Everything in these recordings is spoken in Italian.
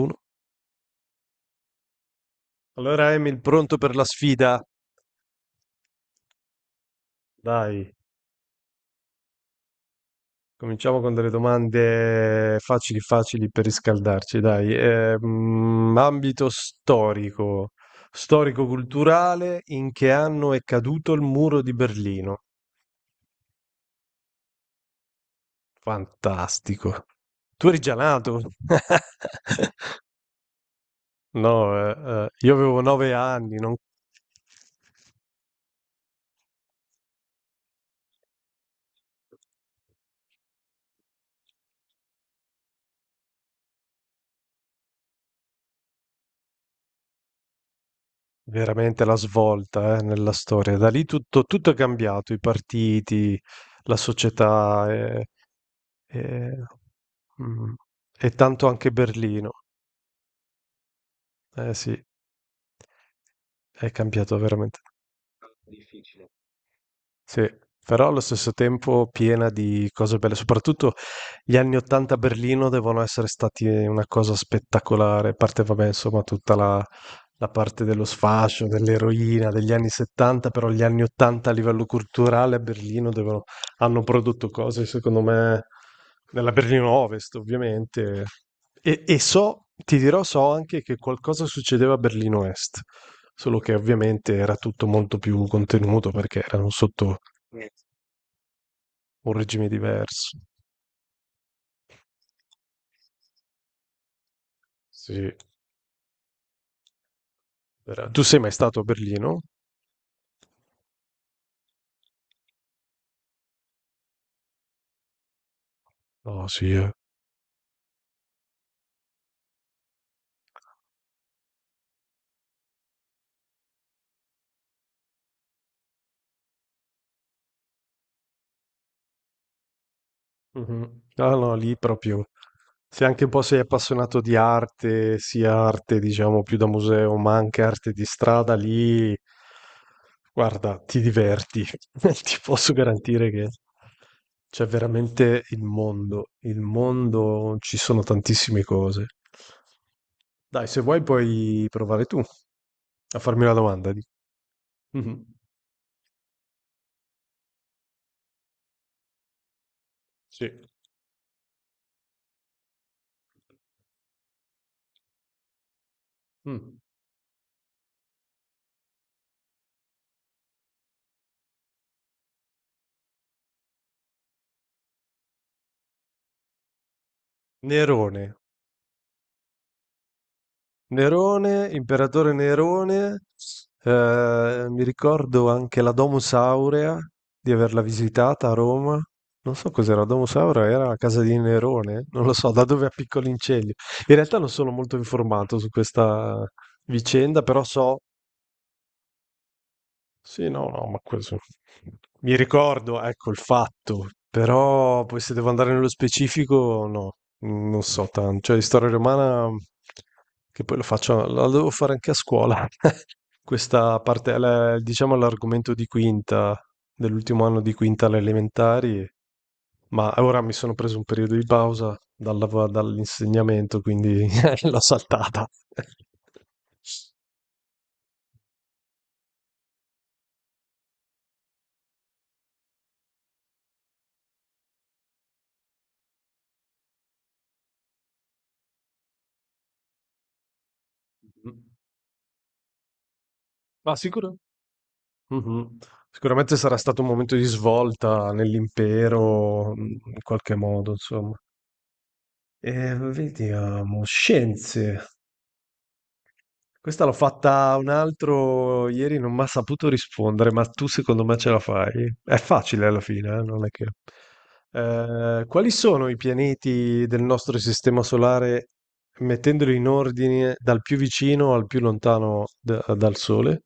Uno. Allora, Emil, pronto per la sfida? Dai, cominciamo con delle domande facili facili per riscaldarci, dai. Ambito storico, storico-culturale, in che anno è caduto il muro di Berlino? Fantastico. Tu eri già nato? No, io avevo nove anni, non... Veramente la svolta, nella storia. Da lì tutto è cambiato, i partiti, la società e, e- mm, e tanto anche Berlino. Eh sì, è cambiato veramente. Sì, però allo stesso tempo piena di cose belle, soprattutto gli anni 80 a Berlino devono essere stati una cosa spettacolare, a parte vabbè, insomma, la parte dello sfascio, dell'eroina degli anni 70, però gli anni 80 a livello culturale a Berlino hanno prodotto cose, secondo me, nella Berlino Ovest, ovviamente. E so, ti dirò, so anche che qualcosa succedeva a Berlino Est, solo che ovviamente era tutto molto più contenuto perché erano sotto un regime diverso. Sì. Tu sei mai stato a Berlino? No, sì, eh. Mhm. Ah no, lì proprio. Se anche un po' sei appassionato di arte, sia arte, diciamo, più da museo, ma anche arte di strada, lì, guarda, ti diverti. Ti posso garantire che c'è veramente il mondo. Il mondo, ci sono tantissime cose. Dai, se vuoi puoi provare tu a farmi una domanda. Mhm. Sì. Mh. Nerone. Nerone, imperatore Nerone, mi ricordo anche la Domus Aurea di averla visitata a Roma. Non so cos'era, la Domus Aurea era la casa di Nerone? Non lo so, da dove a Piccolo Inceglio. In realtà non sono molto informato su questa vicenda, però so. Sì, no, no, ma questo... Mi ricordo, ecco, il fatto, però poi se devo andare nello specifico, no, non so tanto. Cioè, di storia romana, che poi lo faccio, la devo fare anche a scuola. Questa parte, diciamo, l'argomento di quinta, dell'ultimo anno di quinta alle elementari, ma ora mi sono preso un periodo di pausa dall'insegnamento, quindi l'ho saltata. Mh-mh. Ma sicuro, mh-mh. Sicuramente sarà stato un momento di svolta nell'impero, mhmm, in qualche modo, insomma. Vediamo, scienze. Questa l'ho fatta un altro ieri, non mi ha saputo rispondere, ma tu secondo me ce la fai? È facile alla fine, non è che... quali sono i pianeti del nostro sistema solare, mettendoli in ordine dal più vicino al più lontano dal Sole?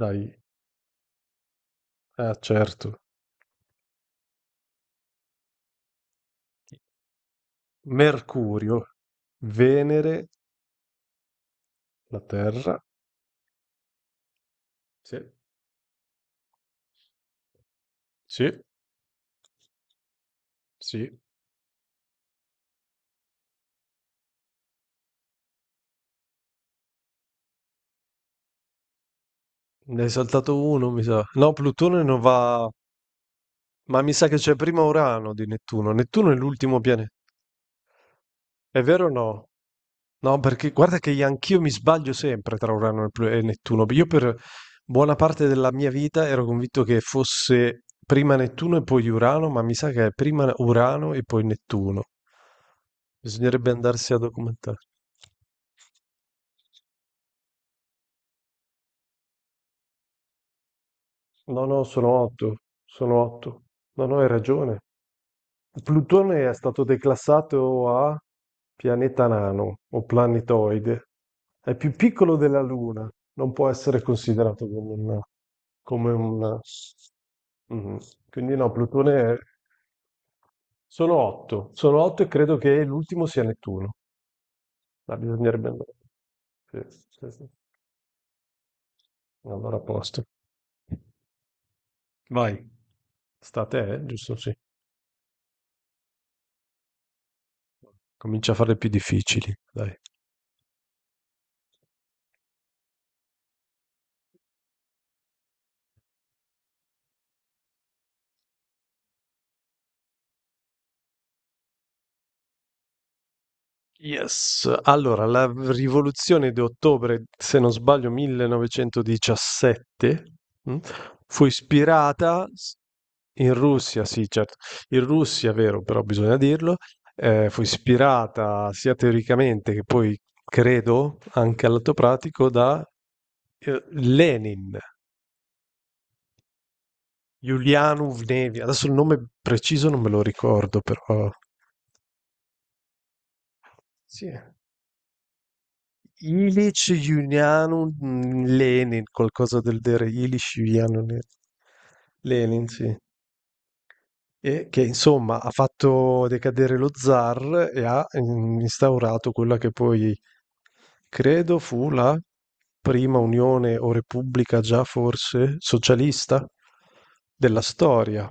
Dai, ah, certo. Mercurio, Venere, la Terra. Sì, sì, sì. Ne hai saltato uno, mi sa. No, Plutone non va. Ma mi sa che c'è prima Urano di Nettuno. Nettuno è l'ultimo pianeta. È vero o no? No, perché guarda che anch'io mi sbaglio sempre tra Urano e e Nettuno. Io per buona parte della mia vita ero convinto che fosse prima Nettuno e poi Urano, ma mi sa che è prima Urano e poi Nettuno. Bisognerebbe andarsi a documentare. No, no, sono otto. Sono otto. No, no, hai ragione. Plutone è stato declassato a pianeta nano o planetoide. È più piccolo della Luna, non può essere considerato come un, come un- mhm. Quindi no, sono otto e credo che l'ultimo sia Nettuno. Ma bisognerebbe andare. Sì, sì, sì. Allora a posto. Vai, sta a te, eh? Giusto? Sì. Comincia a fare più difficili, dai. Yes, allora la rivoluzione di ottobre, se non sbaglio 1917, mm, fu ispirata s- in Russia, sì, certo, in Russia, vero, però bisogna dirlo, fu ispirata sia teoricamente che poi credo anche all'atto pratico da Lenin, Julianov Nevia, adesso il nome preciso non me lo ricordo, però sì. Ilic Julianum Lenin, qualcosa del genere, Lenin, sì. E che insomma ha fatto decadere lo zar e ha mm, instaurato quella che poi credo fu la prima unione o repubblica già forse socialista della storia,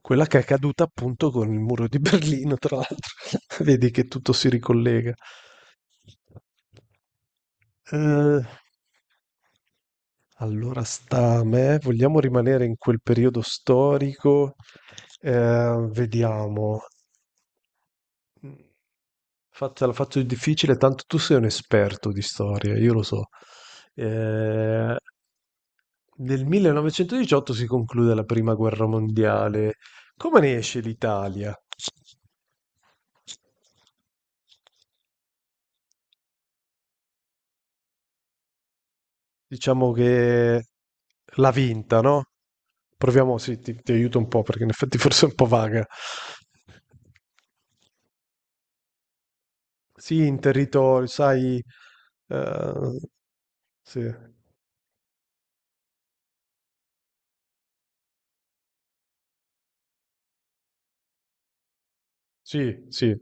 quella che è caduta appunto con il muro di Berlino, tra l'altro. Vedi che tutto si ricollega. Eh, Allora sta a me, vogliamo rimanere in quel periodo storico? Vediamo. Fatta, la faccio difficile, tanto tu sei un esperto di storia, io lo so. Eh, nel 1918 si conclude la prima guerra mondiale. Come ne esce l'Italia? Diciamo che l'ha vinta, no? Proviamo, sì, ti aiuto un po' perché in effetti forse è un po' vaga. Sì, in territorio, sai, eh, sì, sì, sì,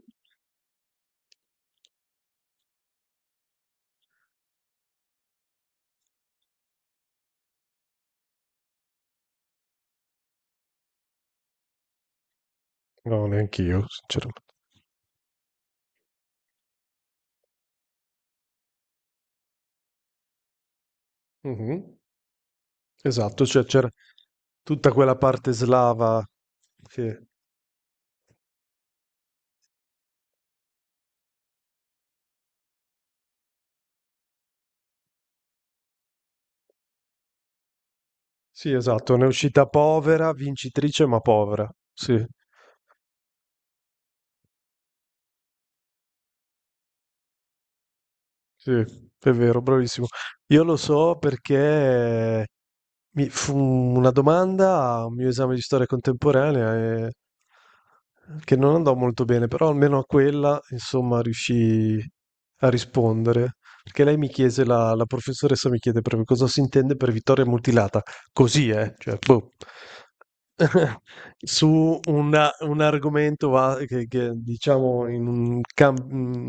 no, neanch'io, sinceramente. Mhm. Esatto, cioè c'era tutta quella parte slava che, sì, esatto, ne è uscita povera, vincitrice ma povera, sì. Sì, è vero, bravissimo. Io lo so perché mi fu una domanda a un mio esame di storia contemporanea e- eh, che non andò molto bene, però almeno a quella, insomma, riuscii a rispondere. Perché lei mi chiese, la professoressa mi chiede proprio cosa si intende per vittoria mutilata. Così, eh? Cioè, boh. Su un argomento che, diciamo in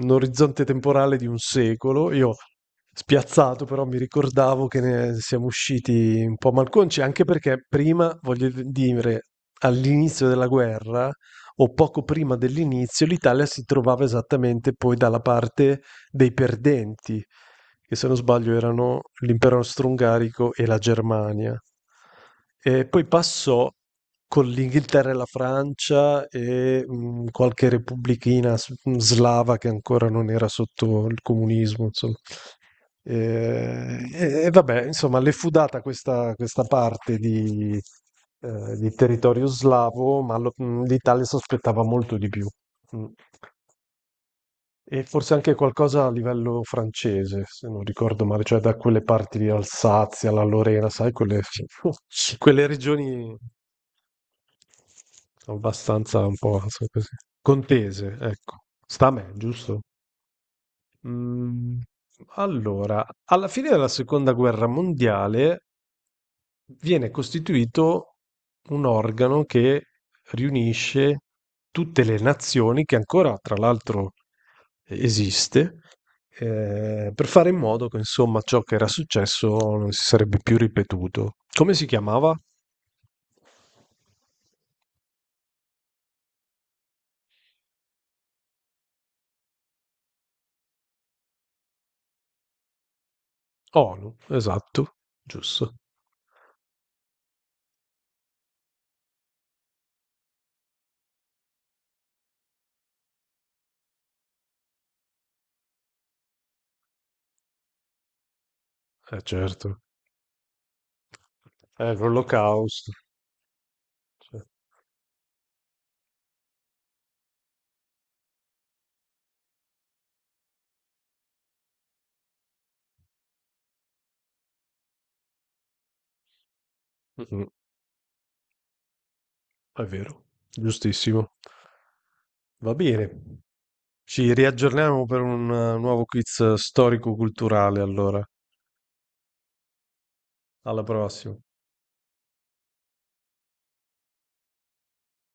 un orizzonte temporale di un secolo. Io spiazzato, però mi ricordavo che ne siamo usciti un po' malconci, anche perché prima, voglio dire, all'inizio della guerra o poco prima dell'inizio, l'Italia si trovava esattamente poi dalla parte dei perdenti, che se non sbaglio erano l'impero austro-ungarico e la Germania. E poi passò con l'Inghilterra e la Francia e qualche repubblichina slava che ancora non era sotto il comunismo, insomma. E, e vabbè, insomma, le fu data questa, questa parte di territorio slavo, ma l'Italia sospettava molto di più. Mm. E forse anche qualcosa a livello francese, se non ricordo male, cioè da quelle parti di Alsazia, la Lorena, sai, quelle, quelle regioni abbastanza un po' so così, contese, ecco. Sta a me, giusto? Mm, allora, alla fine della seconda guerra mondiale viene costituito un organo che riunisce tutte le nazioni che ancora, tra l'altro, esiste, per fare in modo che, insomma, ciò che era successo non si sarebbe più ripetuto. Come si chiamava? ONU, esatto, giusto. Eh certo, è l'olocausto. Cioè, è vero, giustissimo. Va bene, ci riaggiorniamo per un nuovo quiz storico-culturale allora. Alla prossima.